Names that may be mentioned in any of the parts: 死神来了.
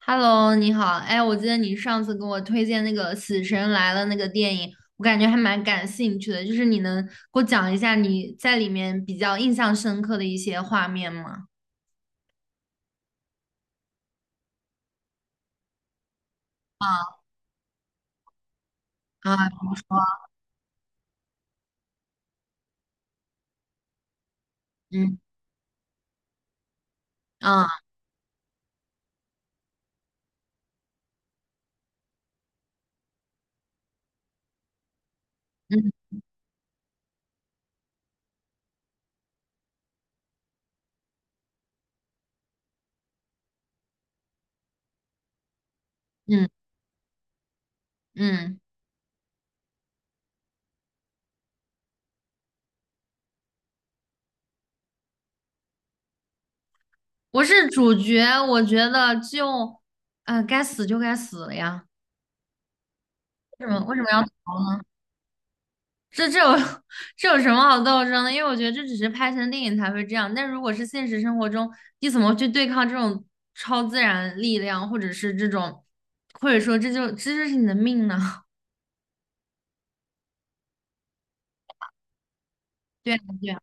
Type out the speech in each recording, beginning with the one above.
Hello，你好，哎，我记得你上次给我推荐那个《死神来了》那个电影，我感觉还蛮感兴趣的，就是你能给我讲一下你在里面比较印象深刻的一些画面吗？啊，啊，比如说，嗯，啊，嗯嗯嗯，我是主角，我觉得就，该死就该死了呀，为什么要逃呢？这有 这有什么好斗争的？因为我觉得这只是拍成电影才会这样，但如果是现实生活中，你怎么去对抗这种超自然力量，或者是这种，或者说这就是你的命呢？对啊，对啊，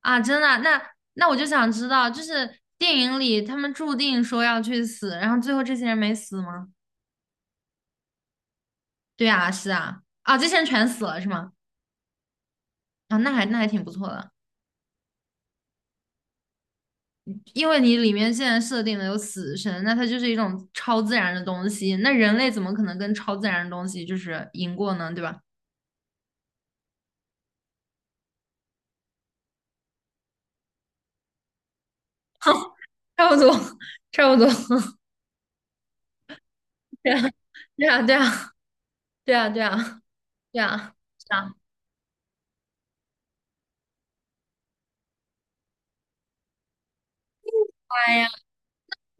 啊，真的啊那我就想知道，就是电影里他们注定说要去死，然后最后这些人没死吗？对啊，是啊，啊，这些人全死了是吗？啊，那还挺不错的。因为你里面现在设定的有死神，那它就是一种超自然的东西，那人类怎么可能跟超自然的东西就是赢过呢？对吧？差不多，差不多，对啊，对啊，对啊，对啊，对啊，对啊，是啊，哎呀，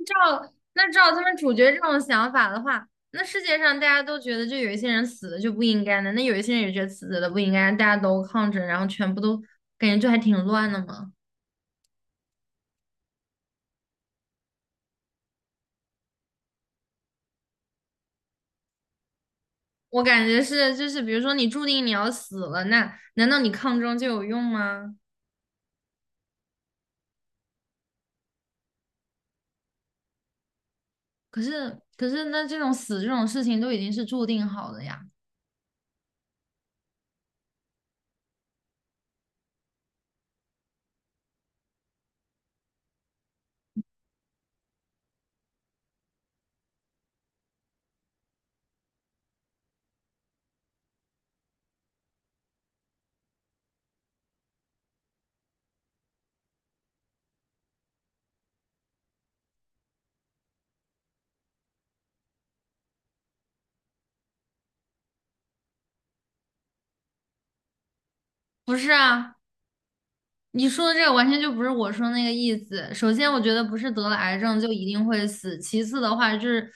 照那照他们主角这种想法的话，那世界上大家都觉得就有一些人死了就不应该的，那有一些人也觉得死了不应该，大家都抗争，然后全部都感觉就还挺乱的嘛。我感觉是，就是比如说你注定你要死了，那难道你抗争就有用吗？可是那这种事情都已经是注定好的呀，不是啊？你说的这个完全就不是我说那个意思。首先，我觉得不是得了癌症就一定会死。其次的话，就是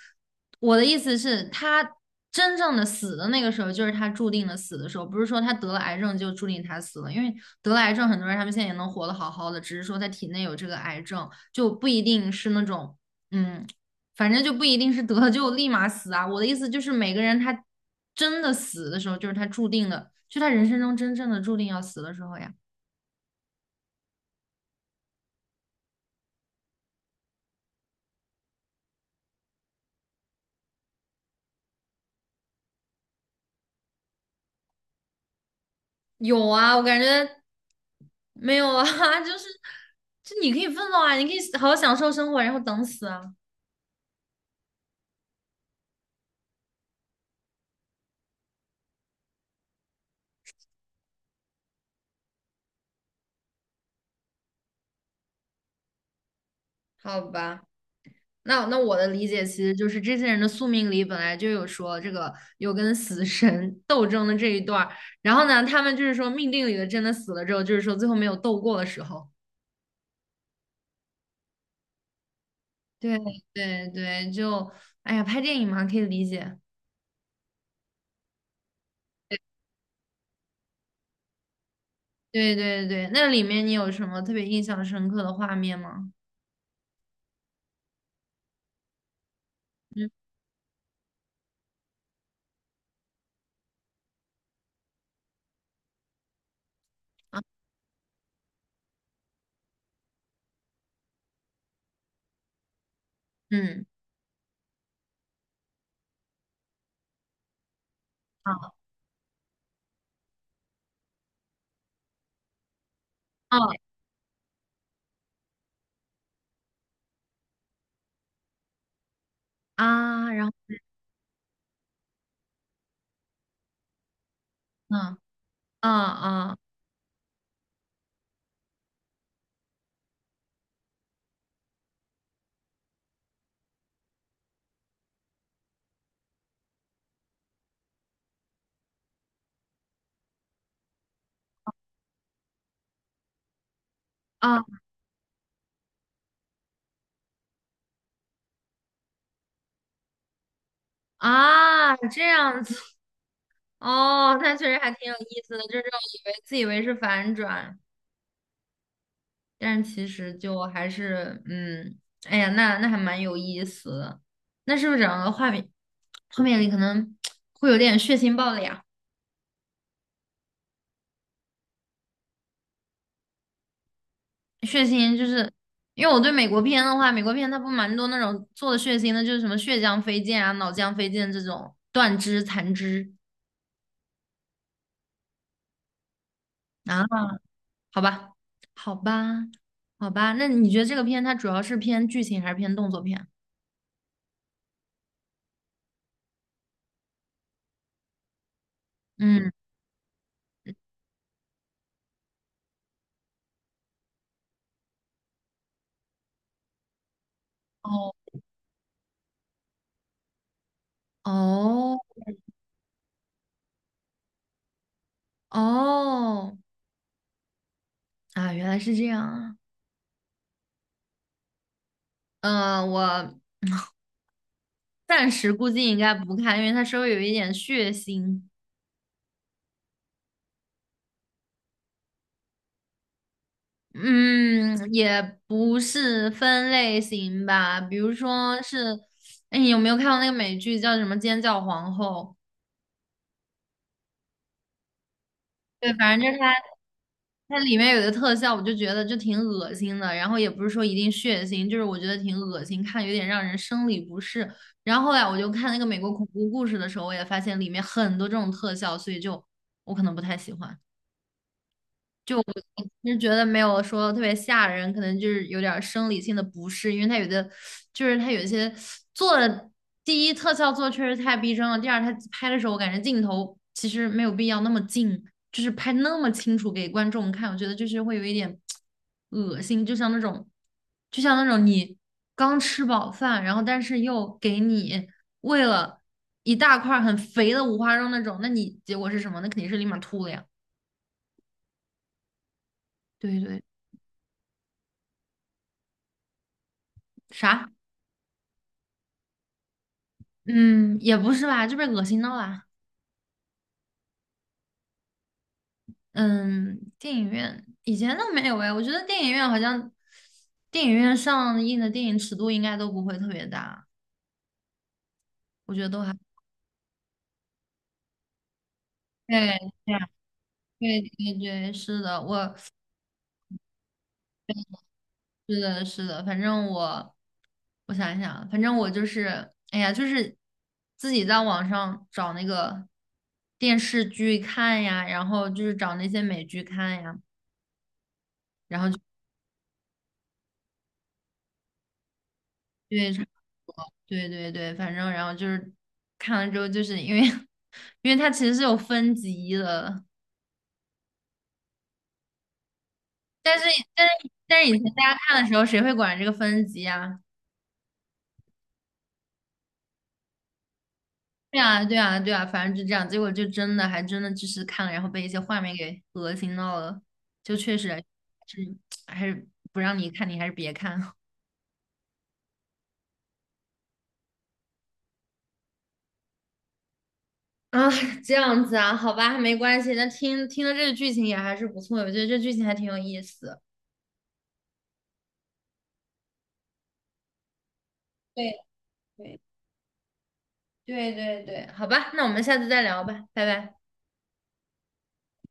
我的意思是，他真正的死的那个时候，就是他注定的死的时候，不是说他得了癌症就注定他死了。因为得了癌症，很多人他们现在也能活得好好的，只是说他体内有这个癌症，就不一定是那种，嗯，反正就不一定是得了就立马死啊。我的意思就是，每个人他真的死的时候，就是他注定的，就他人生中真正的注定要死的时候呀。有啊，我感觉没有啊，就是就你可以奋斗啊，你可以好好享受生活，然后等死啊。好吧，那我的理解其实就是这些人的宿命里本来就有说这个有跟死神斗争的这一段儿，然后呢，他们就是说命定里的真的死了之后，就是说最后没有斗过的时候。对对对，就哎呀，拍电影嘛，可以理解。对对对，那里面你有什么特别印象深刻的画面吗？嗯，啊啊啊，然后。嗯啊啊啊啊！这样子哦，那确实还挺有意思的，就是这种自以为是反转，但是其实就还是嗯，哎呀，那还蛮有意思的。那是不是整个画面里可能会有点血腥暴力啊？血腥就是因为我对美国片的话，美国片它不蛮多那种做的血腥的，就是什么血浆飞溅啊、脑浆飞溅这种断肢、残肢。啊。好吧，好吧，好吧。那你觉得这个片它主要是偏剧情还是偏动作片？嗯，哦哦哦啊，原来是这样啊。嗯、我暂时估计应该不看，因为它稍微有一点血腥。嗯，也不是分类型吧，比如说是，哎，你有没有看过那个美剧叫什么《尖叫皇后》？对，反正就是。它里面有的特效，我就觉得就挺恶心的，然后也不是说一定血腥，就是我觉得挺恶心，看有点让人生理不适。然后后来我就看那个美国恐怖故事的时候，我也发现里面很多这种特效，所以就我可能不太喜欢。就。就觉得没有说特别吓人，可能就是有点儿生理性的不适，因为它有一些做的第一特效做的确实太逼真了，第二它拍的时候我感觉镜头其实没有必要那么近，就是拍那么清楚给观众看，我觉得就是会有一点恶心，就像那种你刚吃饱饭，然后但是又给你喂了一大块儿很肥的五花肉那种，那你结果是什么？那肯定是立马吐了呀。对对，啥？嗯，也不是吧，这被恶心到啦。嗯，电影院以前都没有哎，我觉得电影院好像电影院上映的电影尺度应该都不会特别大，我觉得都还对对啊对对对，是的，我是的是的，反正我想一想啊，反正我就是哎呀，就是自己在网上找那个电视剧看呀，然后就是找那些美剧看呀，然后就对对对对，反正然后就是看了之后，就是因为 因为它其实是有分级的，但是但是以前大家看的时候，谁会管这个分级啊？对啊对啊对啊，反正就这样，结果就真的还真的就是看了，然后被一些画面给恶心到了，就确实是还是不让你看，你还是别看。啊，这样子啊，好吧，没关系。那听听了这个剧情也还是不错，我觉得这剧情还挺有意思。对对对对对，好吧，那我们下次再聊吧，拜拜。